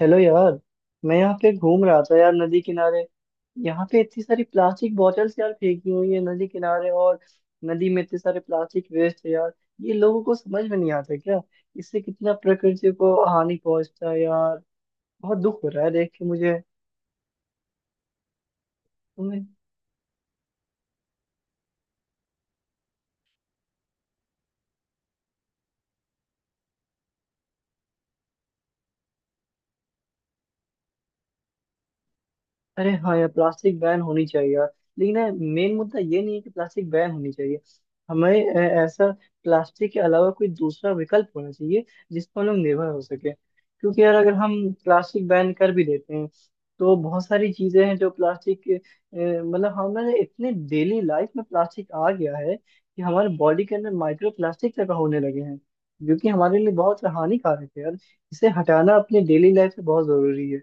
Hello यार। मैं यहाँ पे घूम रहा था यार, नदी किनारे। यहाँ पे इतनी सारी प्लास्टिक बॉटल्स यार फेंकी हुई है नदी किनारे, और नदी में इतने सारे प्लास्टिक वेस्ट है यार। ये लोगों को समझ में नहीं आता क्या? इससे कितना प्रकृति को हानि पहुंचता है यार। बहुत दुख हो रहा है देख के मुझे। तुम्हें। अरे हाँ यार, प्लास्टिक बैन होनी चाहिए यार। लेकिन यार, मेन मुद्दा ये नहीं है कि प्लास्टिक बैन होनी चाहिए। हमें ऐसा प्लास्टिक के अलावा कोई दूसरा विकल्प होना चाहिए जिस पर हम लोग निर्भर हो सके, क्योंकि यार अगर हम प्लास्टिक बैन कर भी देते हैं तो बहुत सारी चीजें हैं जो प्लास्टिक के, मतलब हमारे इतने डेली लाइफ में प्लास्टिक आ गया है कि हमारे बॉडी के अंदर माइक्रो प्लास्टिक तक होने लगे हैं, जो कि हमारे लिए बहुत हानिकारक है यार। इसे हटाना अपने डेली लाइफ से बहुत जरूरी है।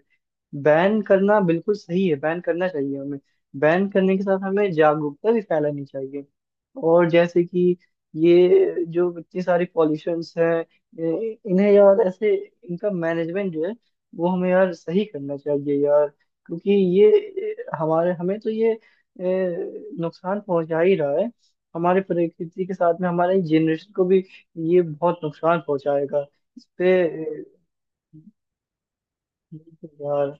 बैन करना बिल्कुल सही है, बैन करना चाहिए हमें। बैन करने के साथ हमें जागरूकता भी फैलानी चाहिए। और जैसे कि ये जो इतनी सारी पॉल्यूशंस हैं, इन्हें यार ऐसे इनका मैनेजमेंट जो है वो हमें यार सही करना चाहिए यार, क्योंकि ये हमारे हमें तो ये नुकसान पहुंचा ही रहा है। हमारे प्रकृति के साथ में हमारे जनरेशन को भी ये बहुत नुकसान पहुंचाएगा। इस पे यार।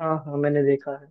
हाँ हाँ, मैंने देखा है।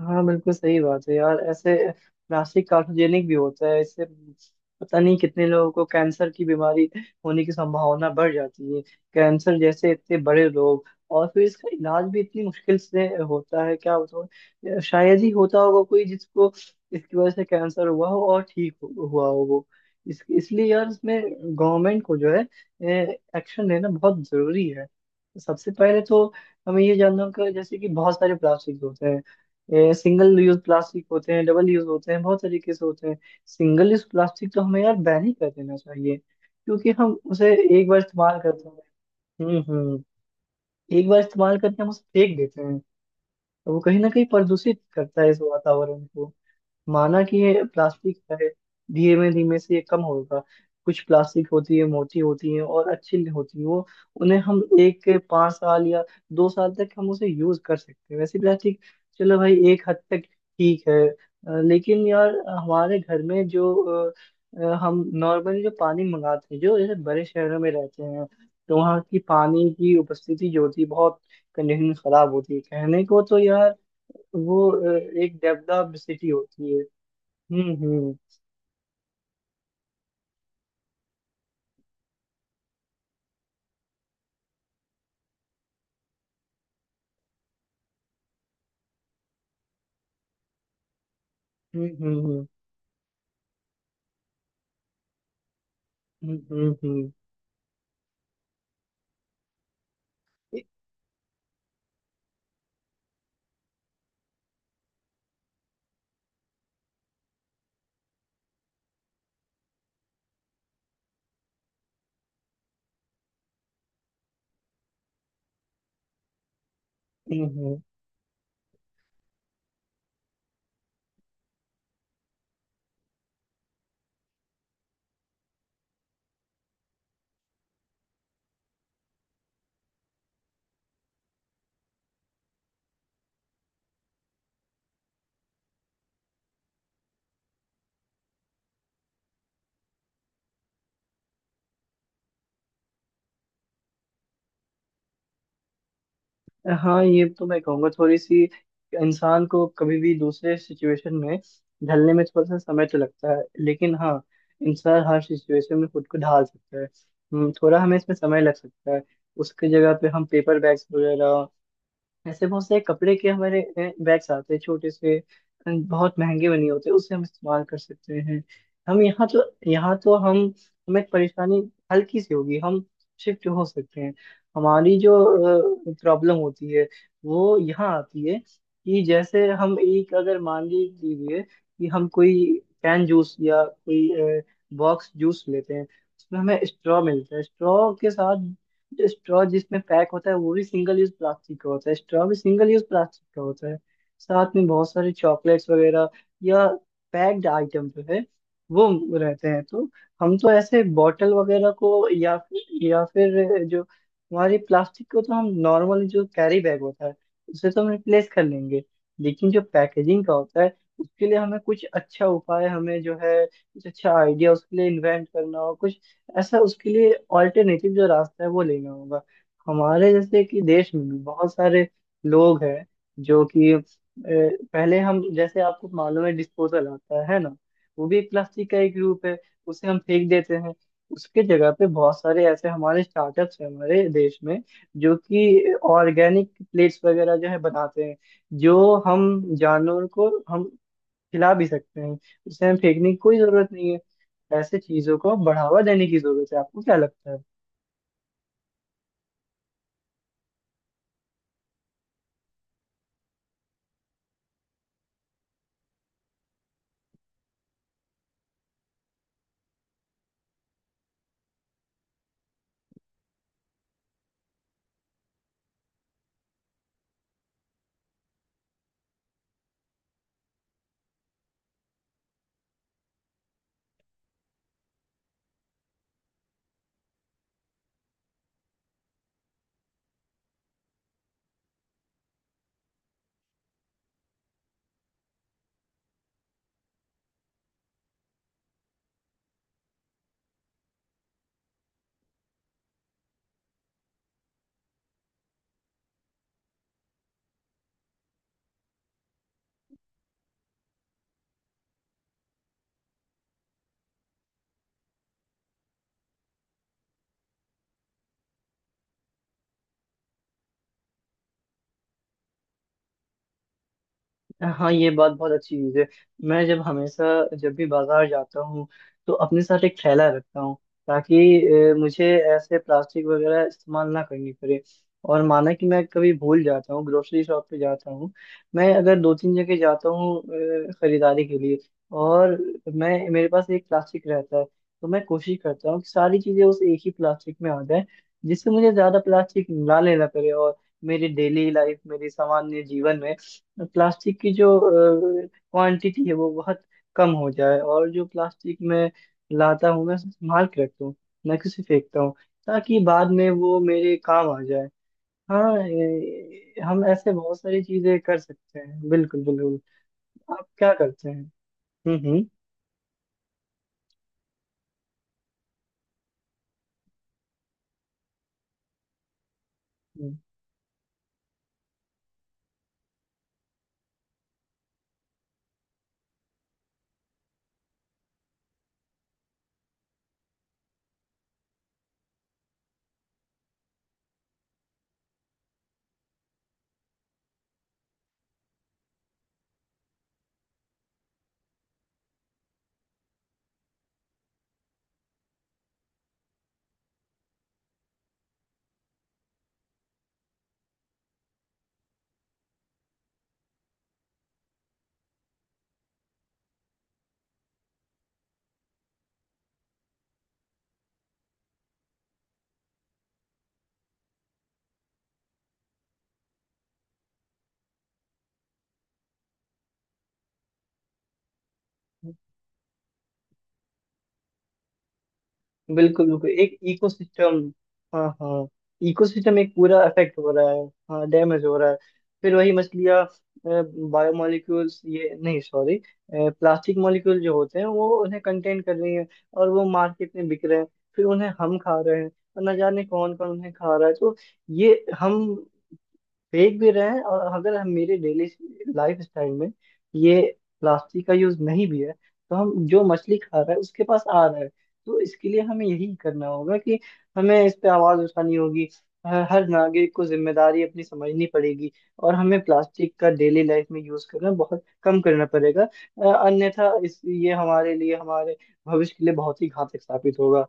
हाँ, बिल्कुल सही बात है यार। ऐसे प्लास्टिक कार्cinोजेनिक भी होता है, इससे पता नहीं कितने लोगों को कैंसर की बीमारी होने की संभावना बढ़ जाती है। कैंसर जैसे इतने बड़े रोग, और फिर इसका इलाज भी इतनी मुश्किल से होता है, क्या बताऊँ। शायद ही होता होगा कोई जिसको इसकी वजह से कैंसर हुआ हो और ठीक हुआ हो वो। इसलिए यार इसमें गवर्नमेंट को जो है एक्शन लेना बहुत जरूरी है। सबसे पहले तो हमें ये जानना होगा, जैसे कि बहुत सारे प्लास्टिक होते हैं। सिंगल यूज प्लास्टिक होते हैं, डबल यूज होते हैं, बहुत तरीके से होते हैं। सिंगल यूज प्लास्टिक तो हमें यार बैन ही कर देना चाहिए, क्योंकि हम उसे एक बार इस्तेमाल करते हैं। हम्म। हम्म। एक बार इस्तेमाल करके हम उसे फेंक देते हैं। तो वो कहीं ना कहीं प्रदूषित करता है इस वातावरण को। माना कि ये प्लास्टिक है, धीमे धीमे से ये कम होगा। कुछ प्लास्टिक होती है, मोटी होती है और अच्छी होती है, वो उन्हें हम एक के पाँच साल या दो साल तक हम उसे यूज कर सकते हैं, वैसे प्लास्टिक। चलो भाई, एक हद तक ठीक है। लेकिन यार हमारे घर में जो अ, हम नॉर्मली जो पानी मंगाते हैं, जो जैसे बड़े शहरों में रहते हैं, तो वहाँ की पानी की उपस्थिति जो होती है बहुत कंडीशन खराब होती है कहने को तो यार। वो एक डेवलप्ड सिटी होती है। हम्म। हम्म। हम्म। हम्म। हम्म। हम्म। हम्म। हम्म। हाँ, ये तो मैं कहूँगा, थोड़ी सी इंसान को कभी भी दूसरे सिचुएशन में ढलने में थोड़ा सा समय तो लगता है, लेकिन हाँ, इंसान हर सिचुएशन में खुद को ढाल सकता है। थोड़ा हमें इसमें समय लग सकता है। उसकी जगह पे हम पेपर बैग्स वगैरह, ऐसे बहुत सारे कपड़े के हमारे बैग्स आते हैं, छोटे से बहुत महंगे बने होते हैं, उसे हम इस्तेमाल कर सकते हैं। हम यहाँ तो हम हमें परेशानी हल्की सी होगी, हम शिफ्ट हो सकते हैं। हमारी जो प्रॉब्लम होती है वो यहाँ आती है कि जैसे हम एक अगर मान लीजिए कि हम कोई कैन जूस या कोई बॉक्स जूस लेते हैं, उसमें हमें स्ट्रॉ मिलता है। स्ट्रॉ के साथ जो स्ट्रॉ जिसमें पैक होता है, वो भी सिंगल यूज प्लास्टिक का होता है। स्ट्रॉ भी सिंगल यूज प्लास्टिक का होता है। साथ में बहुत सारे चॉकलेट्स वगैरह या पैक्ड आइटम जो है वो रहते हैं। तो हम तो ऐसे बॉटल वगैरह को, या फिर जो हमारी प्लास्टिक को, तो हम नॉर्मल जो कैरी बैग होता है उसे तो हम रिप्लेस कर लेंगे। लेकिन जो पैकेजिंग का होता है उसके लिए हमें कुछ अच्छा उपाय, हमें जो है कुछ अच्छा आइडिया उसके लिए इन्वेंट करना हो, कुछ ऐसा उसके लिए ऑल्टरनेटिव जो रास्ता है वो लेना होगा। हमारे जैसे कि देश में भी बहुत सारे लोग हैं जो कि पहले हम जैसे आपको मालूम है डिस्पोजल आता है ना, वो भी एक प्लास्टिक का एक रूप है। उसे हम फेंक देते हैं। उसके जगह पे बहुत सारे ऐसे हमारे स्टार्टअप्स हैं हमारे देश में जो कि ऑर्गेनिक प्लेट्स वगैरह जो है बनाते हैं, जो हम जानवर को हम खिला भी सकते हैं। उसे हमें फेंकने की कोई जरूरत नहीं है। ऐसे चीजों को बढ़ावा देने की जरूरत है। आपको क्या लगता है? हाँ, ये बात बहुत अच्छी चीज है। मैं जब हमेशा जब भी बाजार जाता हूँ तो अपने साथ एक थैला रखता हूँ, ताकि मुझे ऐसे प्लास्टिक वगैरह इस्तेमाल ना करनी पड़े। और माना कि मैं कभी भूल जाता हूँ, ग्रोसरी शॉप पे जाता हूँ, मैं अगर दो तीन जगह जाता हूँ खरीदारी के लिए, और मैं, मेरे पास एक प्लास्टिक रहता है, तो मैं कोशिश करता हूँ कि सारी चीजें उस एक ही प्लास्टिक में आ जाए, जिससे मुझे ज्यादा प्लास्टिक ना लेना पड़े। और मेरी डेली लाइफ, मेरी सामान्य जीवन में प्लास्टिक की जो क्वांटिटी है वो बहुत कम हो जाए। और जो प्लास्टिक मैं लाता हूँ, मैं उसे संभाल के रखता हूँ, मैं किसी फेंकता हूँ, ताकि बाद में वो मेरे काम आ जाए। हाँ, हम ऐसे बहुत सारी चीजें कर सकते हैं, बिल्कुल बिल्कुल। आप क्या करते हैं? हम्म। हम्म। हम्म। बिल्कुल बिल्कुल, एक इकोसिस्टम। हाँ हाँ, इकोसिस्टम एक पूरा अफेक्ट हो रहा है। हाँ, डैमेज हो रहा है। फिर वही मछलियाँ, बायोमोलिक्यूल्स ये नहीं, सॉरी, प्लास्टिक मॉलिक्यूल जो होते हैं वो उन्हें कंटेन कर रही हैं, और वो मार्केट में बिक रहे हैं, फिर उन्हें हम खा रहे हैं, और न जाने कौन कौन उन्हें खा रहा है। तो ये हम फेंक भी रहे हैं, और अगर हम, मेरे डेली लाइफ स्टाइल में ये प्लास्टिक का यूज नहीं भी है, तो हम जो मछली खा रहे हैं उसके पास आ रहा है। तो इसके लिए हमें यही करना होगा कि हमें इस पे आवाज उठानी होगी। हर हर नागरिक को जिम्मेदारी अपनी समझनी पड़ेगी। और हमें प्लास्टिक का डेली लाइफ में यूज करना बहुत कम करना पड़ेगा। अन्यथा इस, ये हमारे लिए, हमारे भविष्य के लिए बहुत ही घातक साबित होगा।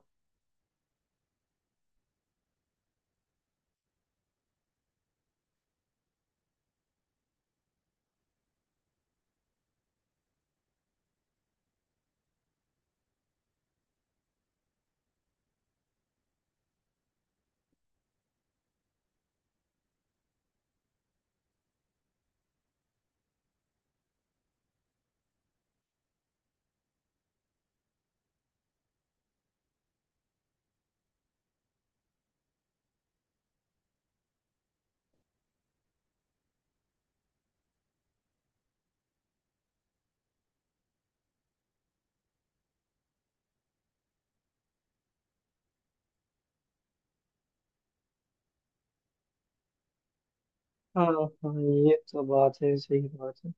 हाँ हाँ, ये तो बात है, सही बात है।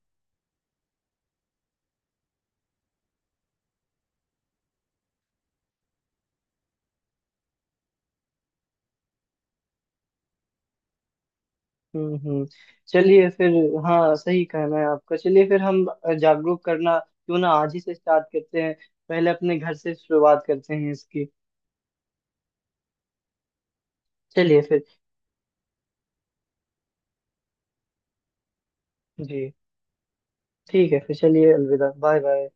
हम्म। हम्म। चलिए फिर। हाँ, सही कहना है आपका। चलिए फिर, हम जागरूक करना क्यों ना आज ही से स्टार्ट करते हैं। पहले अपने घर से शुरुआत करते हैं इसकी। चलिए फिर। जी, ठीक है। फिर चलिए, अलविदा, बाय बाय।